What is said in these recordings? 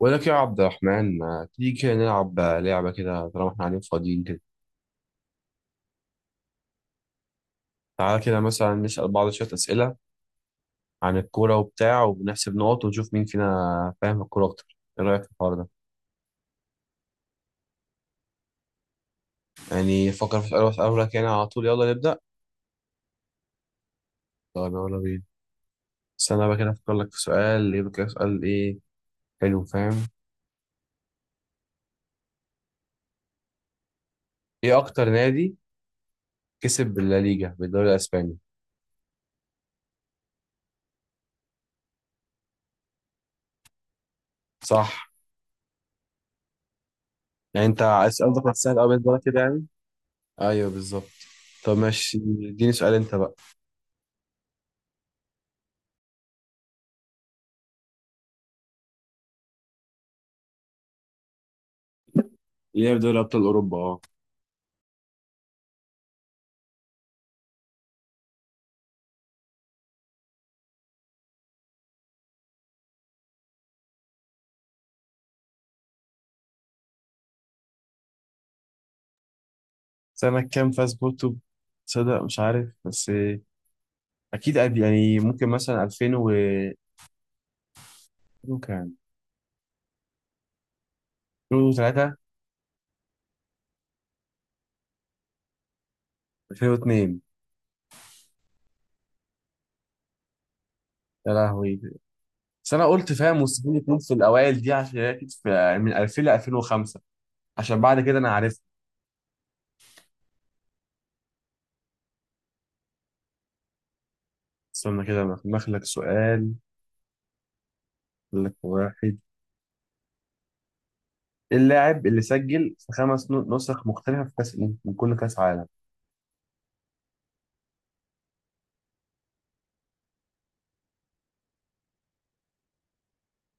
ولك يا عبد الرحمن، ما تيجي كده نلعب لعبة كده طالما احنا قاعدين فاضيين كده؟ تعالى كده مثلا نسأل بعض شوية أسئلة عن الكورة وبتاع، وبنحسب نقط ونشوف مين فينا فاهم الكورة أكتر. إيه رأيك في الحوار ده؟ يعني فكر في سؤال وأسأله لك يعني على طول، يلا نبدأ. طب يلا بينا. استنى بقى كده أفكر لك في سؤال، يبقى كده سؤال إيه. حلو فاهم. إيه أكتر نادي كسب بالليجا، بالدوري الأسباني؟ صح. يعني أنت السؤال ده كان سهل أوي بالنسبة لك كده يعني. أيوه بالظبط. طب ماشي، اديني سؤال أنت بقى. ليه في دوري أبطال أوروبا أه. سنة كام فاز بورتو؟ تصدق مش عارف بس. أكيد قد يعني ممكن مثلا 2000 و كام. كان 2003. 2002. يا لهوي. بس أنا قلت فاهم مستحيل يكون في الأوائل دي، عشان هي أكيد في يعني من 2000 ل 2005. عشان بعد كده أنا عارف. استنى كده أنا مخلك سؤال. أقول لك واحد. إيه اللاعب اللي سجل في خمس نسخ مختلفة في كأس، من كل كأس عالم؟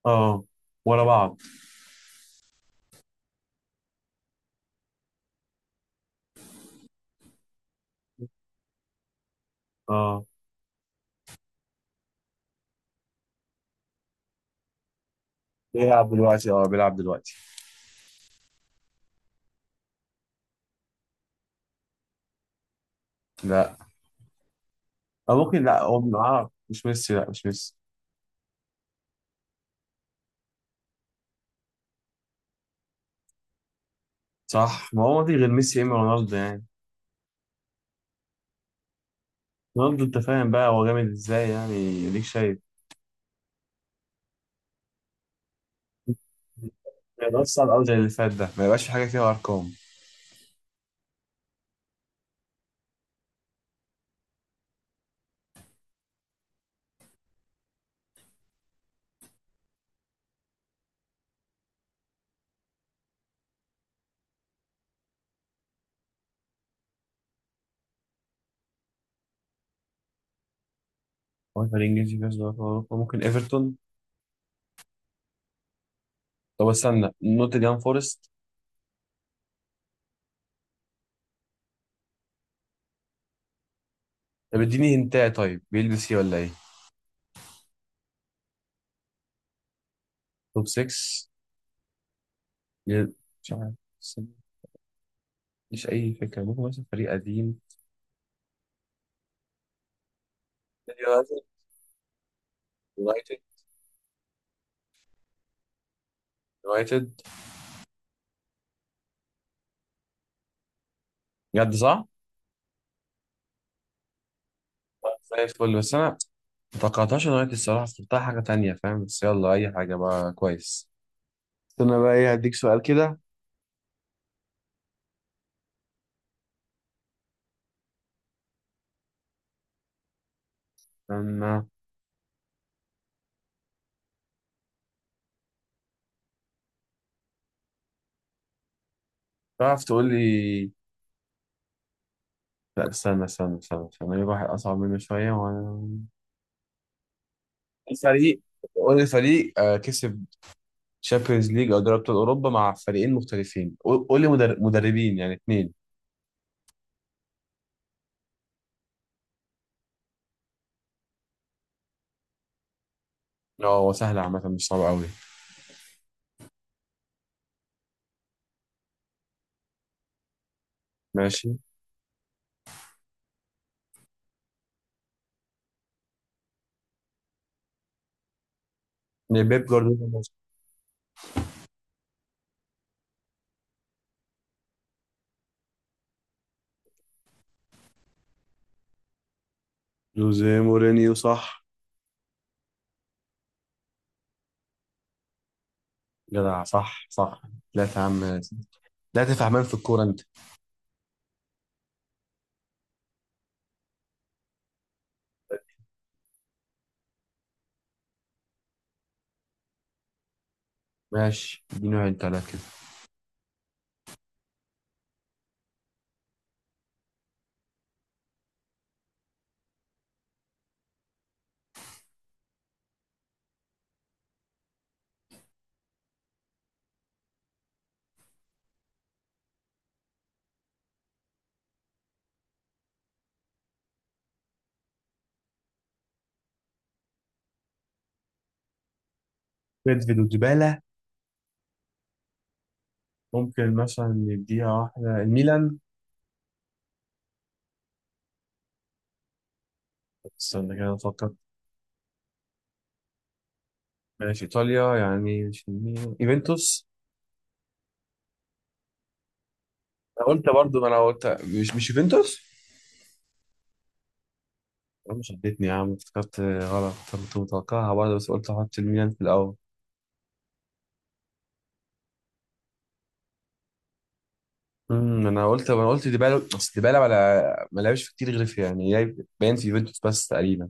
اه، ورا بعض. اه بيلعب دلوقتي، اه بيلعب دلوقتي. لا. أو ممكن لا، هو مش ميسي، لا مش ميسي. صح، ما هو ما في غير ميسي يا إما رونالدو يعني. رونالدو. أنت فاهم بقى هو جامد إزاي يعني، أديك شايف. ما يبقاش صعب أوي زي اللي فات ده، ما يبقاش في حاجة فيها أرقام. هو الفريق الإنجليزي فيها أرقام أوروبا؟ ممكن إيفرتون. طب استنى، نوتنجهام فورست. طب اديني هنتاية، طيب بيلبس إيه ولا إيه؟ توب 6. مش عارف. مش أي فكرة، ممكن مثلا فريق قديم. يونايتد يونايتد يونايتد. بجد صح؟ زي الفل، بس أنا متوقعتهاش نهاية الصراحة، افتكرتها حاجة تانية فاهم، بس يلا أي حاجة بقى كويس. استنى بقى ايه هديك سؤال كده. أما تعرف تقول لي. لا، استنى استنى استنى استنى، أجيب واحد أصعب منه شوية. وأنا الفريق، قول لي فريق كسب شامبيونز ليج أو دوري أبطال أوروبا مع فريقين مختلفين. قول قول لي مدربين يعني اتنين. اه هو سهل عامة، مش صعب أوي. ماشي يعني. بيب جوارديولا. جوزيه مورينيو صح. جدع، صح صح. لا يا عم. لا تفهمان في الكورة أنت. ماشي اديني انت على كده. بيدفيد وجبالة. ممكن مثلا نديها واحدة الميلان. استنى كده أفكر. ماشي إيطاليا، يعني مش الميلان، يوفنتوس. أنا قلت برضه، ما أنا قلت. مش يوفنتوس. أنا مش اديتني يا عم، افتكرت غلط. كنت متوقعها برضه بس قلت أحط الميلان في الأول. انا قلت ديبالا. اصل ديبالا ولا ما لعبش في كتير، غير في يعني باين في يوفنتوس بس تقريبا.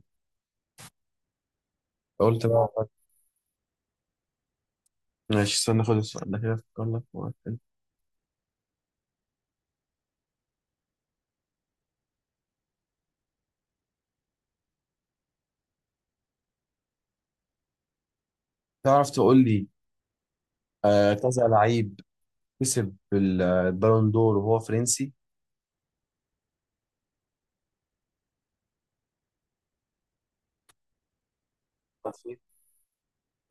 قلت بقى. ماشي استنى، خد السؤال ده كده افكر لك في واحد. تعرف تقول لي كذا لعيب كسب البالون دور وهو فرنسي.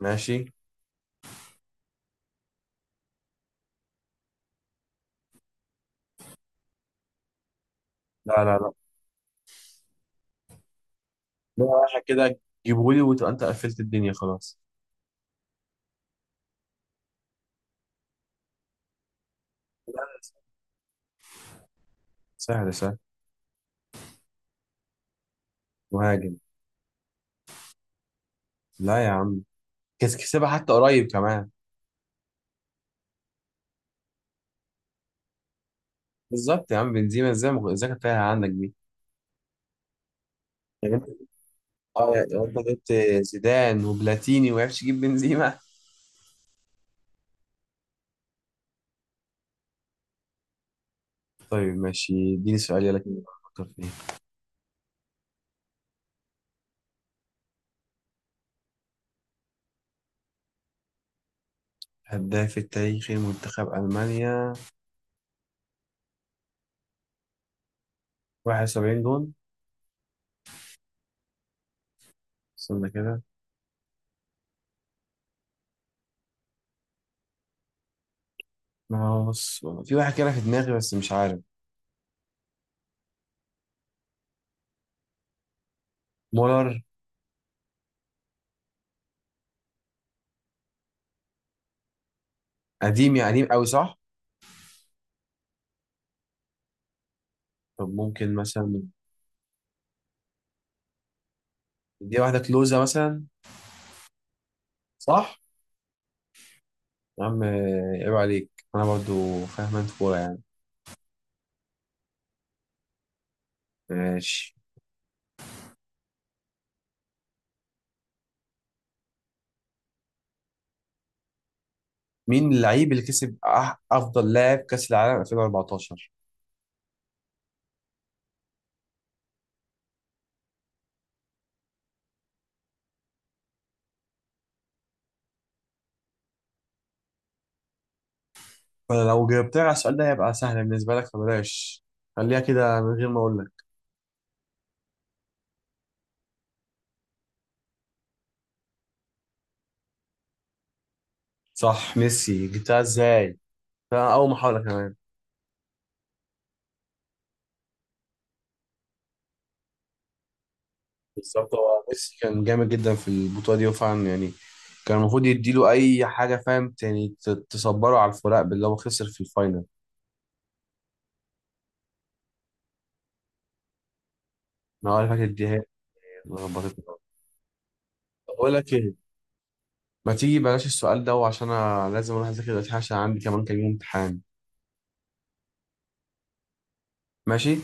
ماشي. لا لا لا. لا، رايحة كده. جيبهولي وتبقى انت قفلت الدنيا خلاص. سهل سهل. مهاجم. لا يا عم. كسبها حتى قريب كمان. بالظبط يا عم، بنزيما. ازاي كانت تايهة عندك دي؟ يعني انت، اه يعني انت جبت زيدان وبلاتيني وما عرفتش تجيب بنزيما. طيب ماشي، اديني سؤال يلا كده افكر فيه. هداف التاريخي لمنتخب المانيا. 71 جون. استنى كده. ما هو بص في واحد كده في دماغي بس مش عارف. مولر. قديم يعني، قديم قوي صح؟ طب ممكن مثلا، دي واحدة كلوزة مثلا. صح؟ يا عم عيب عليك، أنا برضو فاهم أنت كورة يعني. ماشي. مين اللعيب اللي كسب أفضل لاعب كأس العالم 2014؟ فأنا لو جاوبتها على السؤال ده هيبقى سهل بالنسبة لك، فبلاش. خليها كده من غير ما أقول لك. صح ميسي، جبتها إزاي؟ ده أول محاولة كمان. بالظبط، هو ميسي كان جامد جدا في البطولة دي، وفعلا يعني كان المفروض يديله أي حاجة فاهم، يعني تصبره على الفراق باللي هو خسر في الفاينل. أنا هو اللي فاكر اديها لي، لخبطتني أوي. بقول لك إيه، ما تيجي بلاش السؤال ده، وعشان أنا لازم أروح أذاكر دلوقتي عشان عندي كمان كام يوم امتحان. ماشي.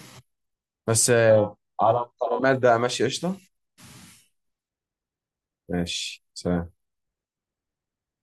بس على القناة بقى ماشي قشطة. ماشي سلام.